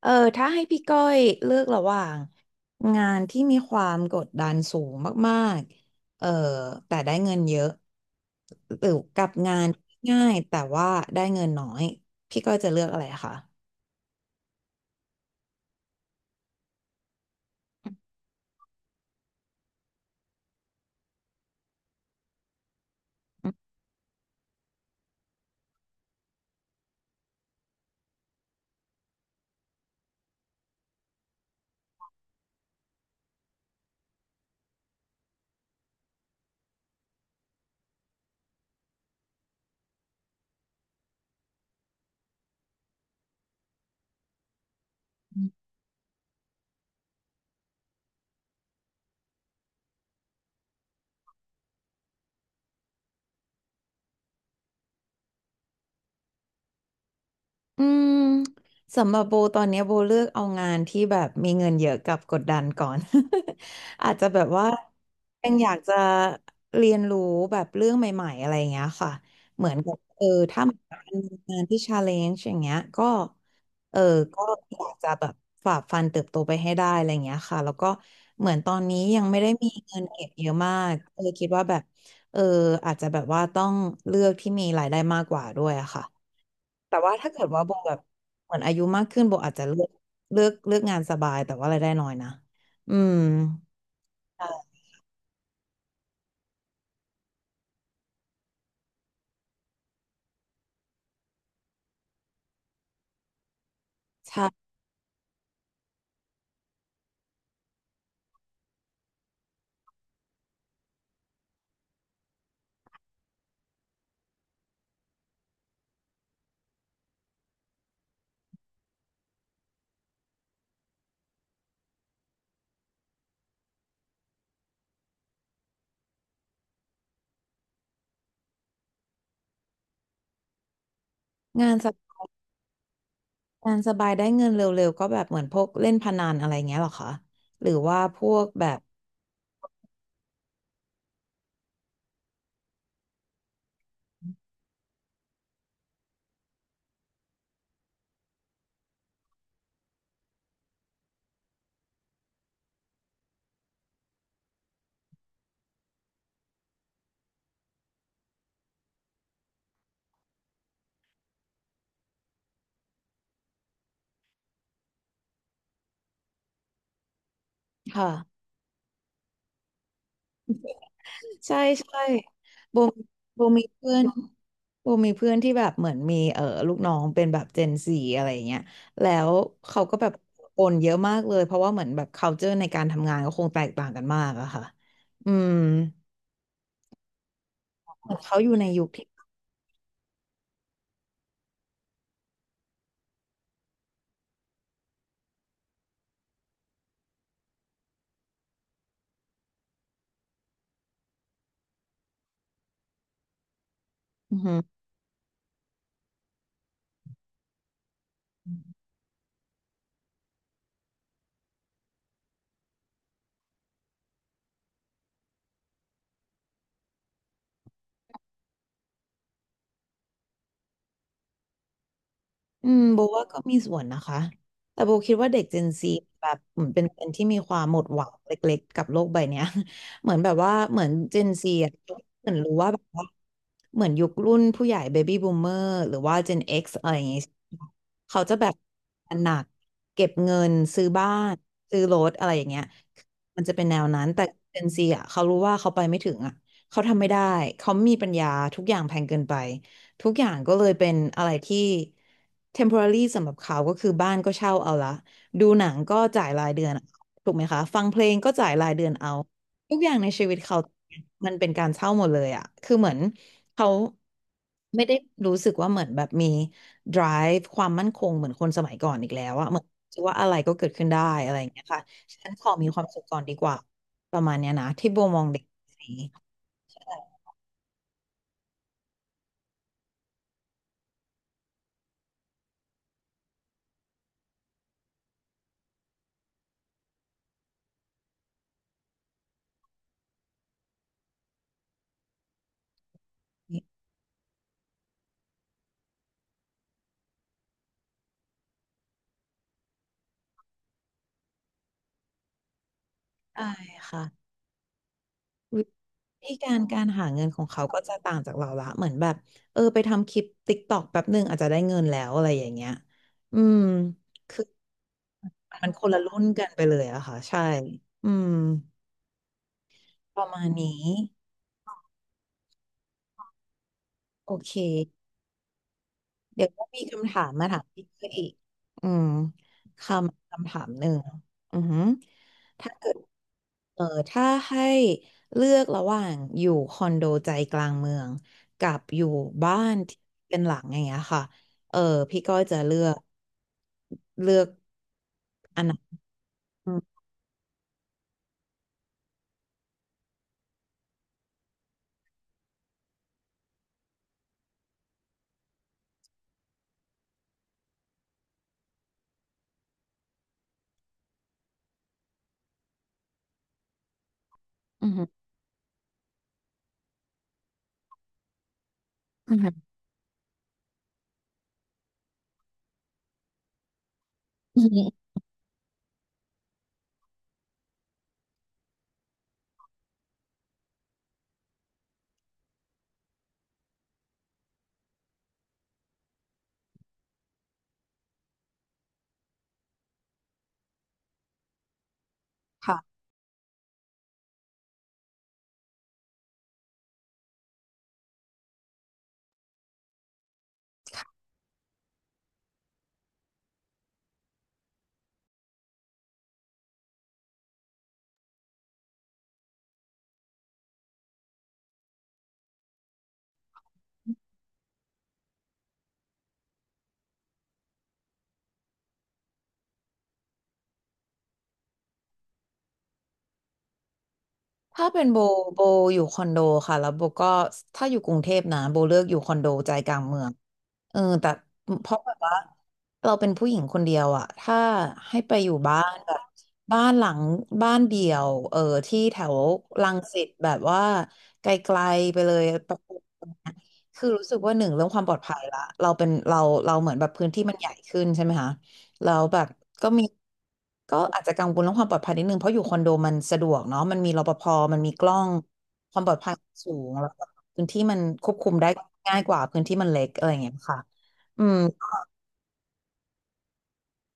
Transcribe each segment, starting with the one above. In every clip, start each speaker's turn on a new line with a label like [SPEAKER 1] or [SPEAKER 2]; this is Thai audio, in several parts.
[SPEAKER 1] เออถ้าให้พี่ก้อยเลือกระหว่างงานที่มีความกดดันสูงมากๆแต่ได้เงินเยอะหรือกับงานง่ายแต่ว่าได้เงินน้อยพี่ก้อยจะเลือกอะไรคะ อืมสำหรับโบตอนเนี้ยโบเลือกเอางานที่แบบมีเงินเยอะกับกดดันก่อน อาจจะแบบว่ายังอยากจะเรียนรู้แบบเรื่องใหม่ๆอะไรอย่างเงี้ยค่ะเหมือนกับถ้ามันมีงานที่ชาเลนจ์อย่างเงี้ยก็เออก็อยากจะแบบฝ่าฟันเติบโตไปให้ได้อะไรอย่างเงี้ยค่ะแล้วก็เหมือนตอนนี้ยังไม่ได้มีเงินเก็บเยอะมากคิดว่าแบบเอออาจจะแบบว่าต้องเลือกที่มีรายได้มากกว่าด้วยอะค่ะ แต่ว่าถ้าเกิดว่าโบแบบเหมือนอายุมากขึ้นโบอาจจะเลือกงานสบายแต่ว่ารายได้น้อยนะอืมใช่ใช่งานสบงานสบายได้เงินเร็วๆก็แบบเหมือนพวกเล่นพนันอะไรเงี้ยเหรอคะหรือว่าพวกแบบค่ะใช่ใช่โบโบมีเพื่อนโบมีเพื่อนที่แบบเหมือนมีลูกน้องเป็นแบบเจนซีอะไรเงี้ยแล้วเขาก็แบบโอนเยอะมากเลยเพราะว่าเหมือนแบบ culture ในการทำงานก็คงแตกต่างกันมากอะค่ะอืม เหมือนเขาอยู่ในยุคที่อือหืออืมโบว่าก็มีส่วนนะคะ แต่โบคิดว่าเด็ก Gen Z แบบเหมือนเป็นที่มีความหมดหวังเล็กๆกับโลกใบเนี้ย เหมือนแบบว่าเหมือน Gen Z อ่ะเหมือนรู้ว่าแบบว่าเหมือนยุครุ่นผู้ใหญ่ Baby Boomer หรือว่า Gen X อะไรอย่างเงี้ยเขาจะแบบหนักเก็บเงินซื้อบ้านซื้อรถอะไรอย่างเงี้ยมันจะเป็นแนวนั้น แต่ Gen Z อ่ะเขารู้ว่าเขาไปไม่ถึงอ่ะเขาทำไม่ได้เขามีปัญญาทุกอย่างแพงเกินไป ทุกอย่างก็เลยเป็นอะไรที่ temporary สำหรับเขาก็คือบ้านก็เช่าเอาละดูหนังก็จ่ายรายเดือนถูกไหมคะฟังเพลงก็จ่ายรายเดือนเอาทุกอย่างในชีวิตเขามันเป็นการเช่าหมดเลยอะคือเหมือนเขาไม่ได้รู้สึกว่าเหมือนแบบมี drive ความมั่นคงเหมือนคนสมัยก่อนอีกแล้วอะเหมือนคิดว่าอะไรก็เกิดขึ้นได้อะไรอย่างเงี้ยค่ะฉันขอมีความสุขก่อนดีกว่าประมาณเนี้ยนะที่โบมองเด็กคนนี้ใช่ค่ะ วิธีการการหาเงินของเขาก็จะต่างจากเราละเหมือนแบบไปทำคลิปติ๊กตอกแป๊บหนึ่งอาจจะได้เงินแล้วอะไรอย่างเงี้ย อืม คือมันคนละรุ่นกันไปเลยอะค่ะใช่ อืมประมาณนี้โอเคเดี๋ยวก็มีคำถามมาถามพี่เพื่ออีก อืมคคำถามหนึ่ง อือหือถ้าเกิด เออถ้าให้เลือกระหว่างอยู่คอนโดใจกลางเมืองกับอยู่บ้านที่เป็นหลังอย่างเงี้ยค่ะเออพี่ก้อยจะเลือกอันนั้นอืมอืมอืมอืมค่ะ ถ้าเป็นโบโบอยู่คอนโดค่ะแล้วโบก็ถ้าอยู่กรุงเทพนะโบเลือกอยู่คอนโดใจกลางเมืองแต่เพราะแบบว่าเราเป็นผู้หญิงคนเดียวอะถ้าให้ไปอยู่บ้านแบบบ้านหลังบ้านเดี่ยวที่แถวรังสิตแบบว่าไกลๆไปเลย คือรู้สึกว่าหนึ่งเรื่องความปลอดภัยละเราเหมือนแบบพื้นที่มันใหญ่ขึ้นใช่ไหมคะแล้วแบบก็มีก็อาจจะกังวลเรื่องความปลอดภัยนิดนึงเพราะอยู่คอนโดมันสะดวกเนาะมันมีรปภมันมีกล้องความปลอดภัยสูงแล้วก็พื้นที่มันควบคุมได้ง่ายกว่าพื้นที่มันเล็กอะไรอย่างเงี้ยค่ะอืม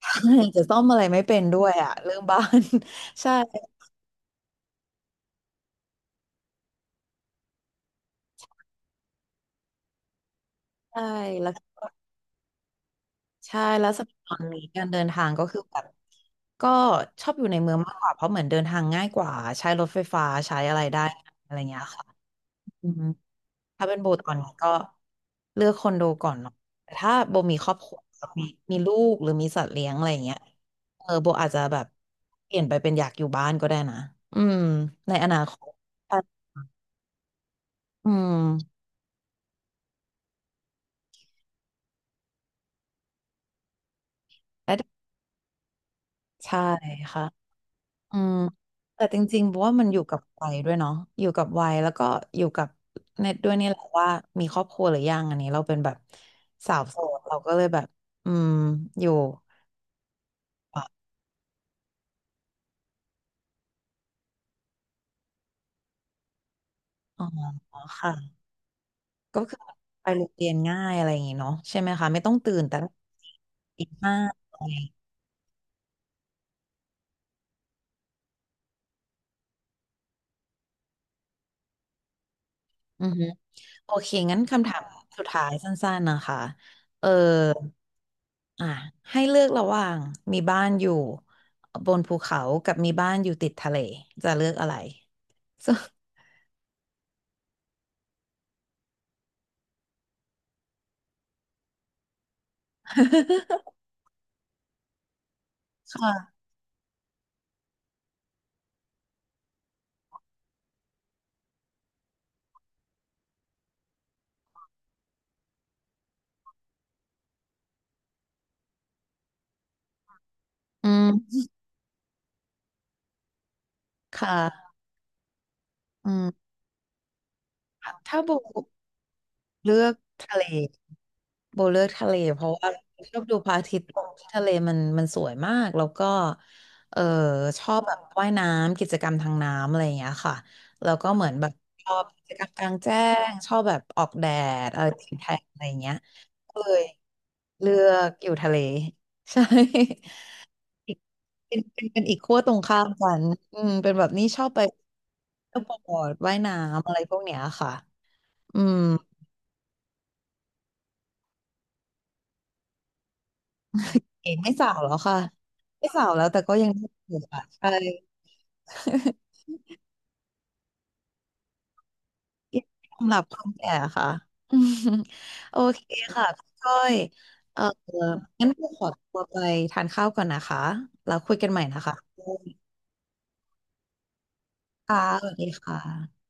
[SPEAKER 1] จะซ่อมอะไรไม่เป็นด้วยอะเรื่องบ้าน ใช่ใช่แล้ว ใช่แล้วสมัยตอนนี้การเดินทางก็คือแบบก็ชอบอยู่ในเมืองมากกว่าเพราะเหมือนเดินทางง่ายกว่าใช้รถไฟฟ้าใช้อะไรได้อะไรเงี้ยค่ะอืมถ้าเป็นโบตอนนี้ก็เลือกคอนโดก่อนเนาะแต่ถ้าโบมีครอบครัวมีมีลูกหรือมีสัตว์เลี้ยงอะไรอย่างเงี้ยโบอาจจะแบบเปลี่ยนไปเป็นอยากอยู่บ้านก็ได้นะอืมในอนาคตอืมและใช่ค่ะ อืมแต่จริงๆบอกว่ามันอยู่กับวัยด้วยเนาะอยู่กับวัยแล้วก็อยู่กับเน็ตด้วยนี่แหละว่ามีครอบครัวหรือยังอันนี้เราเป็นแบบสาวโสดเราก็เลยแบบอืมอยู่อ่ะอ๋อค่ะก็คือไปโรงเรียนง่ายอะไรอย่างงี้เนาะใช่ไหมคะไม่ต้องตื่นแต่ตีห้าอะไรอือฮึโอเคงั้นคำถามสุดท้ายสั้นๆนะคะเออ อ่ะให้เลือกระหว่างมีบ้านอยู่บนภูเขากับมีบ้านอยู่ติดทะเลจะเลือกอะไร ค่ะ อืมค่ะอืมถ้าโบเลือกทะเล โบเลือกทะเลเพราะว่าชอบดูพระอาทิตย์ตกที่ทะเลมันมันสวยมากแล้วก็เออชอบแบบว่ายน้ำกิจกรรมทางน้ำอะไรอย่างเงี้ยค่ะแล้วก็เหมือนแบบชอบกิจกรรมกลางแจ้งชอบแบบออกแดดอะไรติดแทนอะไรอย่างเงี้ยก็เลยเลือกอยู่ทะเล ใช่อีกเป็นอีกขั้วตรงข้ามกันอืมเป็นแบบนี้ชอบไปเที่ยวปอดว่ายน้ำอะไรพวกเนี้ยค่ะอืม เองไม่สาวแล้วค่ะไม่สาวแล้วแต่ก็ยังอยู่อะใช่ สำหรับความแก่ค่ะอืม โอเคค่ะพี่ก้อยเอองั้นพี่ขอตัวไปทานข้าวก่อนนะคะแล้วคุยกันใหม่นะคะค่ะสวัสดีค่ะ